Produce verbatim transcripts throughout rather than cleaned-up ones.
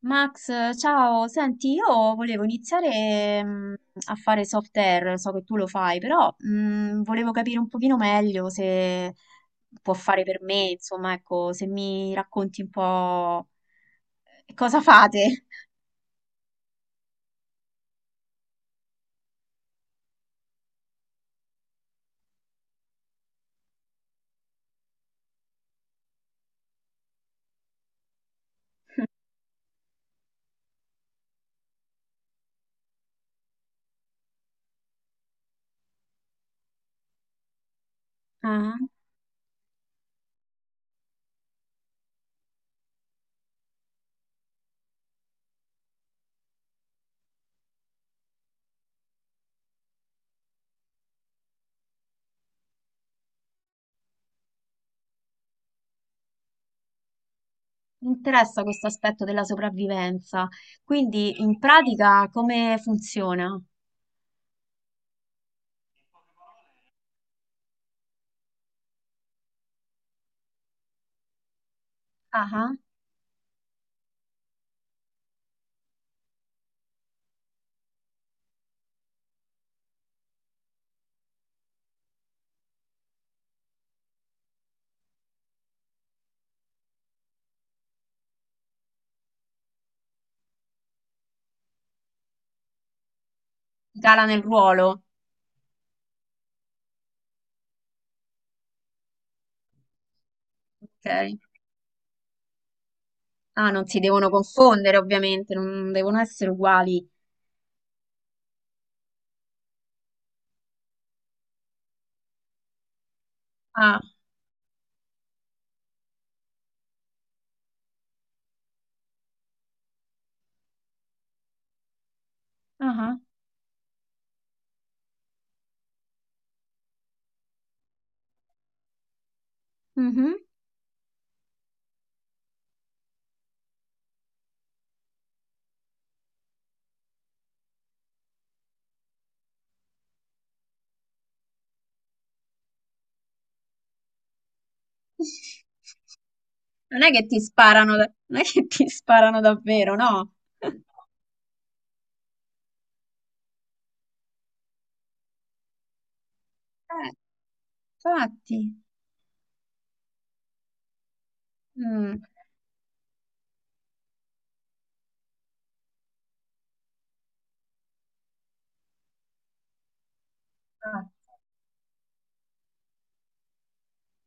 Max, ciao, senti, io volevo iniziare mm, a fare software, so che tu lo fai, però mm, volevo capire un pochino meglio se può fare per me, insomma, ecco, se mi racconti un po' cosa fate. Ah, mi interessa questo aspetto della sopravvivenza, quindi in pratica come funziona? Ah, Gala nel ruolo, ok. Ah, non si devono confondere, ovviamente, non devono essere uguali. Ah, ah. Mhm. Non è che ti sparano, da- non è che ti sparano davvero, no? Eh, infatti. Mm.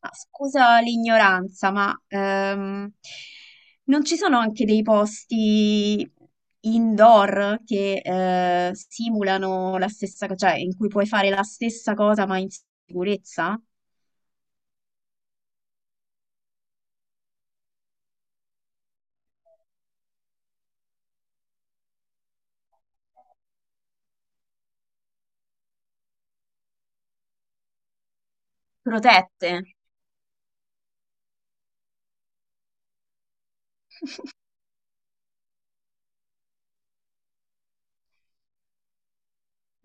Ma scusa l'ignoranza, ma ehm, non ci sono anche dei posti indoor che eh, simulano la stessa cosa, cioè in cui puoi fare la stessa cosa ma in sicurezza? Protette.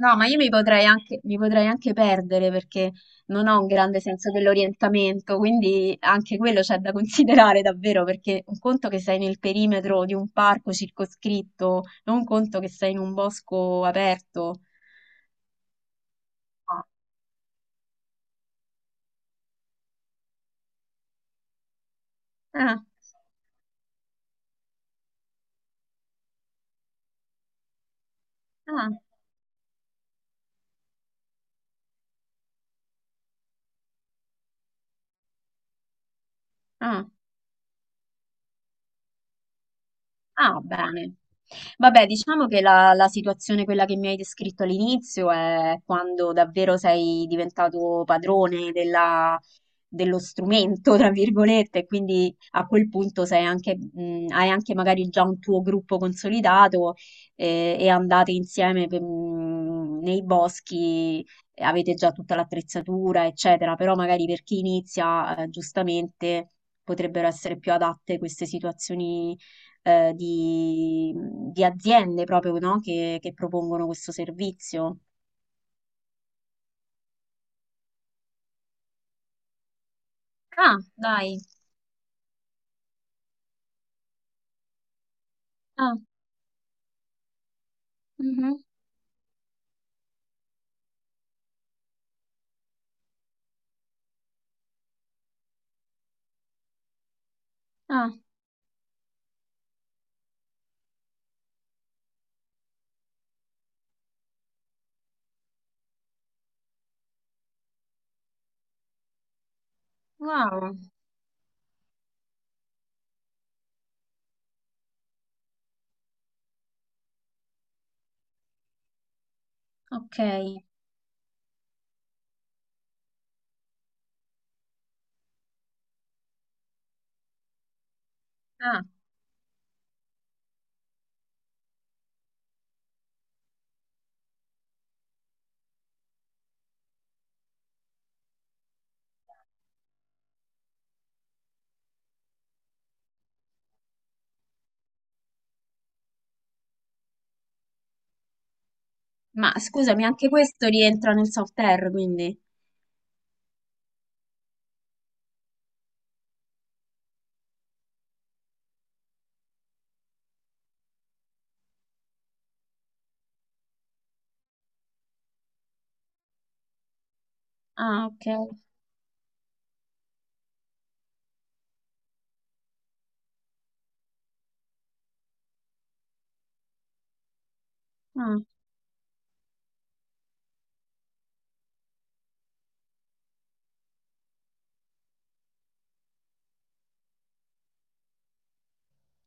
No, ma io mi potrei anche, mi potrei anche perdere perché non ho un grande senso dell'orientamento, quindi anche quello c'è da considerare davvero, perché un conto che sei nel perimetro di un parco circoscritto, non un conto che sei in un bosco aperto. Ah, ah, ah. Ah. Ah, bene. Vabbè, diciamo che la, la situazione, quella che mi hai descritto all'inizio, è quando davvero sei diventato padrone della- dello strumento, tra virgolette, e quindi a quel punto sei anche, mh, hai anche magari già un tuo gruppo consolidato eh, e andate insieme per- mh, nei boschi, e avete già tutta l'attrezzatura, eccetera, però magari per chi inizia, eh, giustamente, potrebbero essere più adatte queste situazioni eh, di, di aziende proprio, no? Che, che propongono questo servizio. Ah, dai. Ah, mhm. Ah, wow. Ok. Ah, ma scusami, anche questo rientra nel software, quindi. Ah, ok. Ah,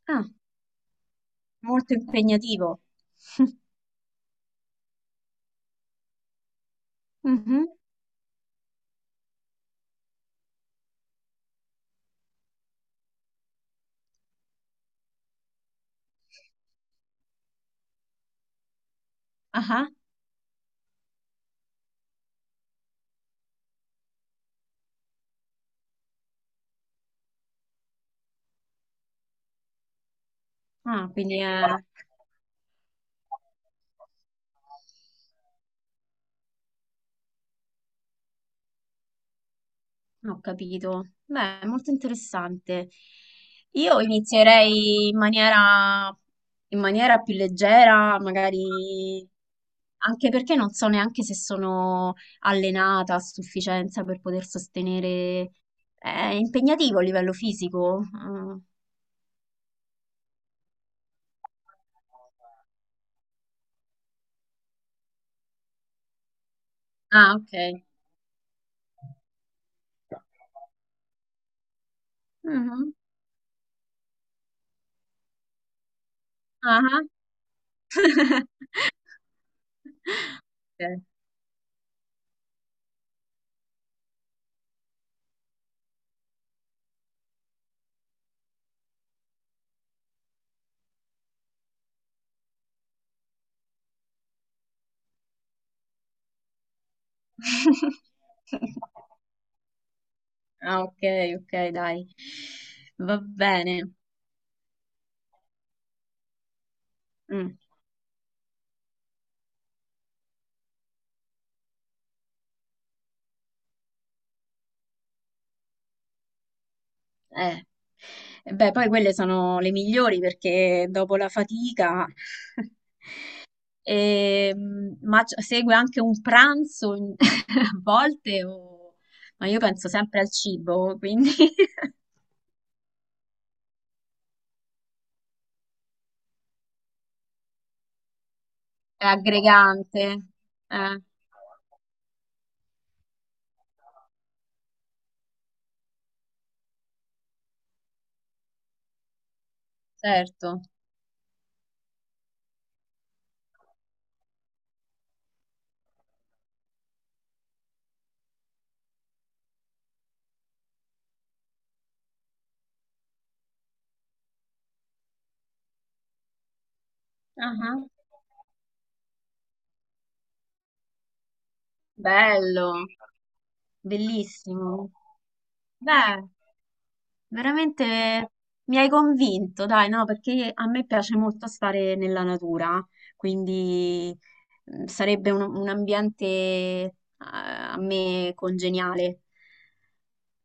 ah, molto impegnativo. Mhm. Ah, ah, ah, quindi è... Ho capito. Beh, è molto interessante. Io inizierei in maniera, in maniera più leggera, magari anche perché non so neanche se sono allenata a sufficienza per poter sostenere. È impegnativo a livello fisico. Mm. Ah, ok. Mhm. Ah, ah. Ok. Ah, ok, ok, dai. Va bene. Mm. Eh. E beh, poi quelle sono le migliori perché dopo la fatica Ehm, ma c- segue anche un pranzo in- a volte, o- ma io penso sempre al cibo, quindi è aggregante. Eh, certo. Ah, bello, bellissimo. Beh. Veramente mi hai convinto, dai, no, perché a me piace molto stare nella natura, quindi mm, sarebbe un, un ambiente eh, a me congeniale.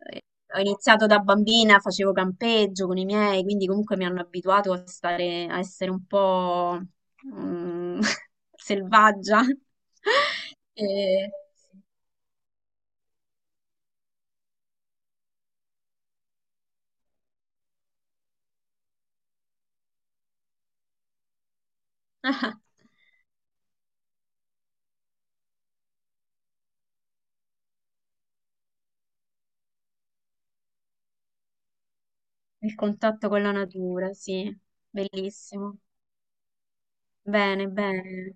Eh, Ho iniziato da bambina, facevo campeggio con i miei, quindi comunque mi hanno abituato a stare, a essere un po' mm, selvaggia. E- Il contatto con la natura, sì, bellissimo. Bene, bene.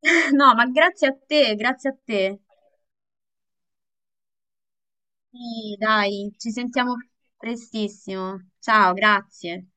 No, ma grazie a te, grazie a te. Sì, dai, ci sentiamo prestissimo. Ciao, grazie.